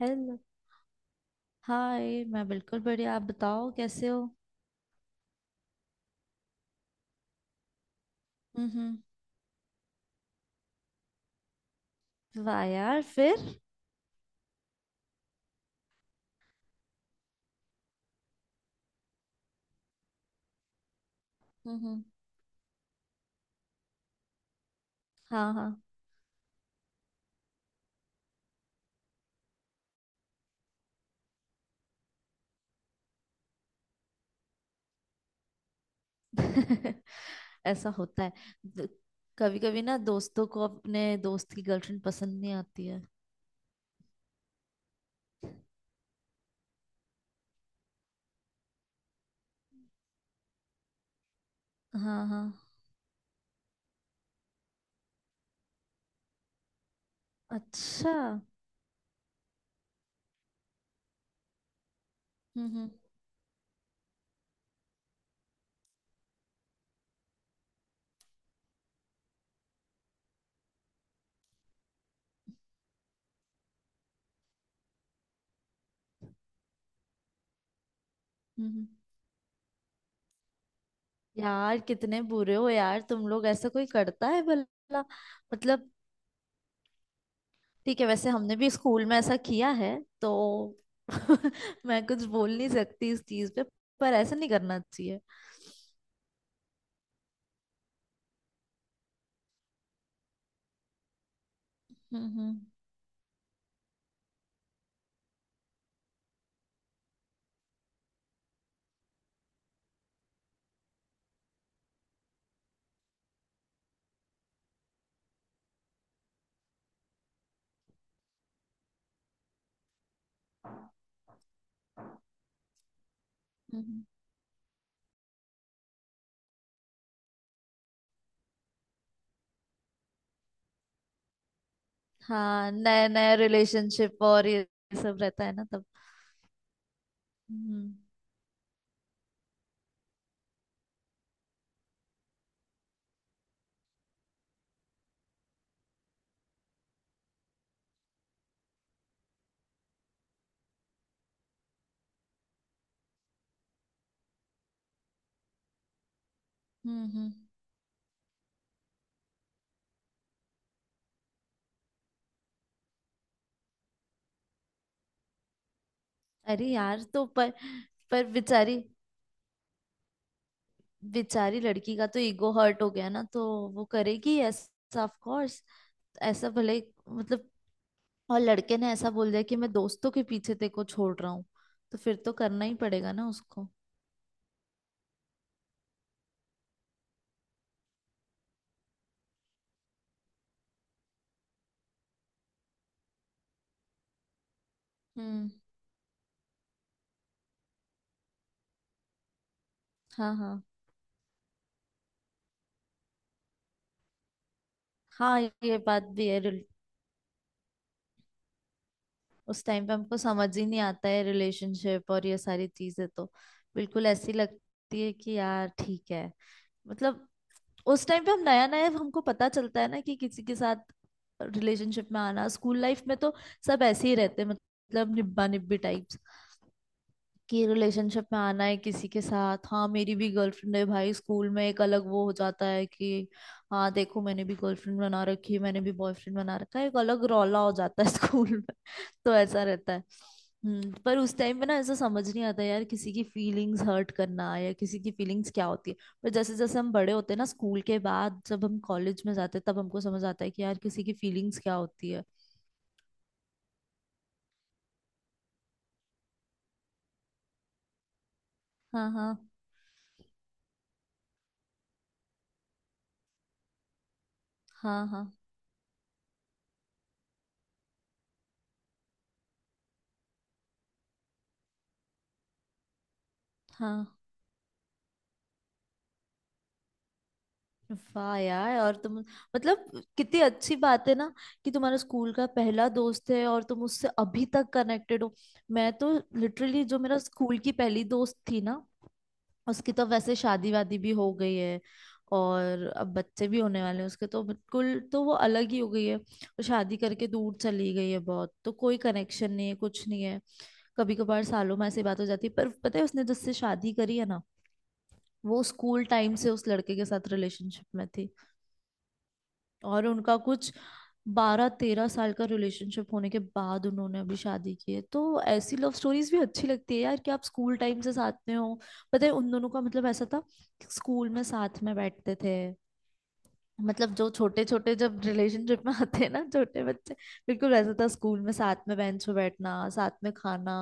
Hello. Hi, मैं बिल्कुल बढ़िया। आप बताओ कैसे हो। हम्म। वाह यार, फिर? हम्म। हाँ हाँ। ऐसा होता है। कभी कभी ना दोस्तों को अपने दोस्त की गर्लफ्रेंड पसंद नहीं आती है। हाँ हाँ। अच्छा, हम्म हम्म। यार कितने बुरे हो यार तुम लोग, ऐसा कोई करता है भला। मतलब, ठीक है, वैसे हमने भी स्कूल में ऐसा किया है तो। मैं कुछ बोल नहीं सकती इस चीज पे, पर ऐसा नहीं करना चाहिए। हम्म हम्म हम्म। हाँ, नया नया रिलेशनशिप और ये सब रहता है ना तब। हम्म हम्म। अरे यार, तो पर बेचारी, बेचारी लड़की का तो ईगो हर्ट हो गया ना, तो वो करेगी ऐसा ऑफ कोर्स। ऐसा भले, मतलब। और लड़के ने ऐसा बोल दिया कि मैं दोस्तों के पीछे तेरे को छोड़ रहा हूँ, तो फिर तो करना ही पड़ेगा ना उसको। हम्म। हाँ हाँ। हाँ ये बात भी है। उस टाइम पे हमको समझ ही नहीं आता है रिलेशनशिप और ये सारी चीजें, तो बिल्कुल ऐसी लगती है कि यार ठीक है। मतलब उस टाइम पे हम, नया नया हमको पता चलता है ना कि किसी के साथ रिलेशनशिप में आना, स्कूल लाइफ में तो सब ऐसे ही रहते हैं, मतलब निब्बा निब्बी टाइप। कि रिलेशनशिप में आना है किसी के साथ। हाँ, मेरी भी गर्लफ्रेंड है भाई स्कूल में, एक अलग वो हो जाता है कि हाँ, देखो मैंने भी गर्लफ्रेंड बना रखी है, मैंने भी बॉयफ्रेंड बना रखा है, एक अलग रौला हो जाता है स्कूल में। तो ऐसा रहता है। हम्म। पर उस टाइम पे ना ऐसा समझ नहीं आता यार, किसी की फीलिंग्स हर्ट करना या किसी की फीलिंग्स क्या होती है। पर जैसे जैसे हम बड़े होते हैं ना, स्कूल के बाद जब हम कॉलेज में जाते हैं, तब हमको समझ आता है कि यार किसी की फीलिंग्स क्या होती है। हाँ हाँ हाँ हाँ हाँ वाह यार, और तुम, मतलब कितनी अच्छी बात है ना कि तुम्हारा स्कूल का पहला दोस्त है और तुम उससे अभी तक कनेक्टेड हो। मैं तो लिटरली, जो मेरा स्कूल की पहली दोस्त थी ना, उसकी तो वैसे शादी वादी भी हो गई है। और अब बच्चे भी होने वाले हैं उसके, तो बिल्कुल तो वो अलग ही हो गई है, वो शादी करके दूर चली गई है बहुत, तो कोई कनेक्शन नहीं है, कुछ नहीं है। कभी कभार सालों में ऐसी बात हो जाती है। पर पता है, उसने जिससे शादी करी है ना, वो स्कूल टाइम से उस लड़के के साथ रिलेशनशिप में थी। और उनका कुछ बारह तेरह साल का रिलेशनशिप होने के बाद उन्होंने अभी शादी की है। तो ऐसी लव स्टोरीज भी अच्छी लगती है यार, कि आप स्कूल टाइम से साथ में हो। पता है उन दोनों का मतलब ऐसा था कि स्कूल में साथ में बैठते थे, मतलब जो छोटे छोटे जब रिलेशनशिप में आते हैं ना छोटे बच्चे, बिल्कुल वैसा था। स्कूल में साथ में बेंच पे बैठना, साथ में खाना,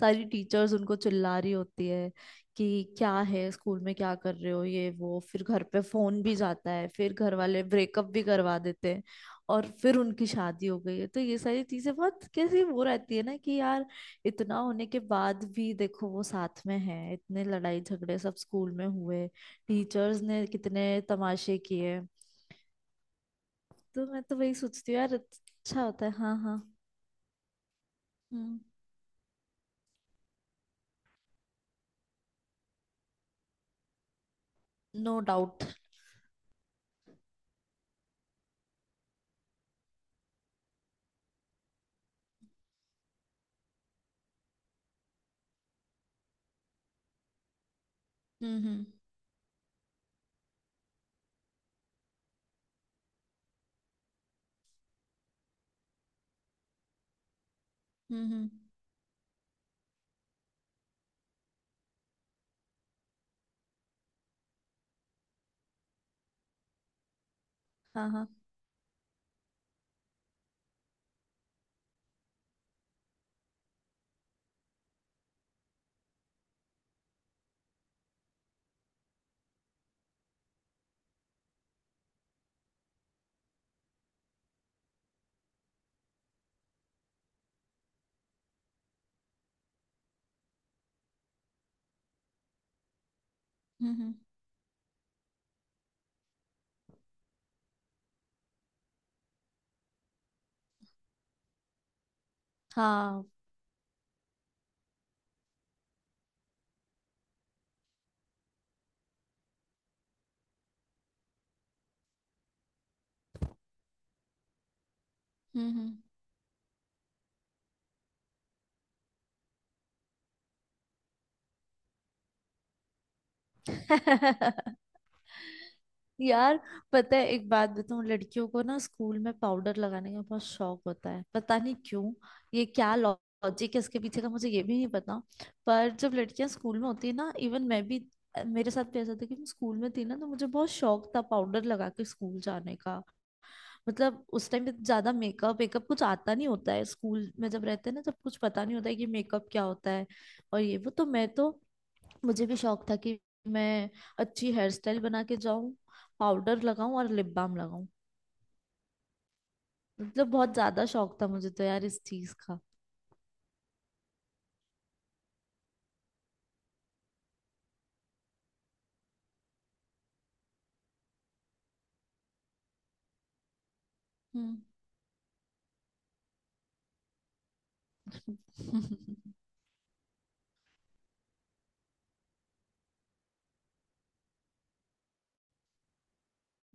सारी टीचर्स उनको चिल्ला रही होती है कि क्या है स्कूल में क्या कर रहे हो ये वो, फिर घर पे फोन भी जाता है, फिर घर वाले ब्रेकअप भी करवा देते हैं। और फिर उनकी शादी हो गई है, तो ये सारी चीजें बहुत कैसी वो रहती है ना कि यार, इतना होने के बाद भी देखो वो साथ में है। इतने लड़ाई झगड़े सब स्कूल में हुए, टीचर्स ने कितने तमाशे किए। तो मैं तो वही सोचती हूँ यार, अच्छा होता है। हाँ हाँ। हम्म। No doubt. हम्म हम्म हम्म। हाँ हाँ। हम्म। हाँ। हम्म। यार पता है, एक बात बताऊँ? लड़कियों को ना स्कूल में पाउडर लगाने का बहुत शौक होता है, पता नहीं क्यों। ये क्या लॉजिक है इसके पीछे का, मुझे ये भी नहीं पता। पर जब लड़कियां स्कूल में होती है ना, इवन मैं भी, मेरे साथ भी ऐसा था कि मैं स्कूल में थी ना, तो मुझे बहुत शौक था पाउडर लगा के स्कूल जाने का। मतलब उस टाइम पे ज्यादा मेकअप वेकअप कुछ आता नहीं होता है, स्कूल में जब रहते हैं ना तब कुछ पता नहीं होता है कि मेकअप क्या होता है। और ये वो, तो मैं तो, मुझे भी शौक था कि मैं अच्छी हेयर स्टाइल बना के जाऊं, पाउडर लगाऊं और लिप बाम लगाऊं। मतलब बहुत ज्यादा शौक था मुझे तो यार इस चीज का। हम्म।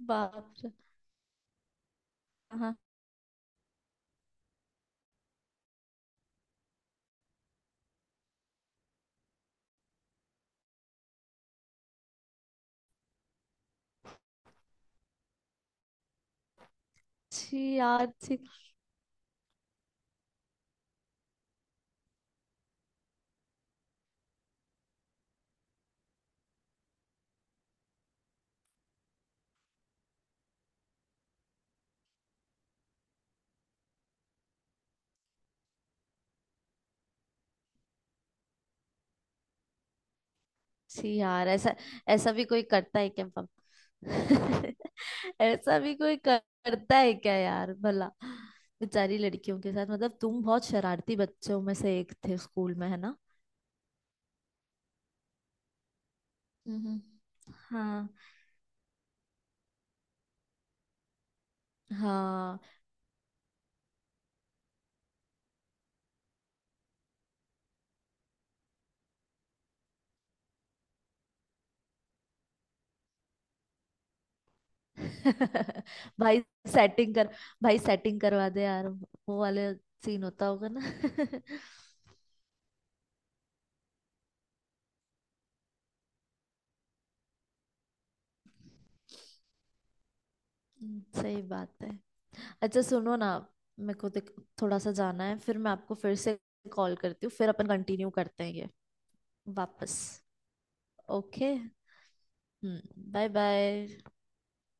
बाप रे। हाँ। छी यार, छी। छी यार, ऐसा, ऐसा भी कोई करता है क्या? पप ऐसा भी कोई करता है क्या यार भला। बेचारी लड़कियों के साथ, मतलब तुम बहुत शरारती बच्चों में से एक थे स्कूल में, है ना। हम्म। हाँ हाँ। भाई सेटिंग कर, भाई सेटिंग करवा दे यार वो वाले सीन होता होगा ना। सही बात है। अच्छा सुनो ना, मेरे को थोड़ा सा जाना है, फिर मैं आपको फिर से कॉल करती हूँ, फिर अपन कंटिन्यू करते हैं ये, वापस। ओके। Bye bye.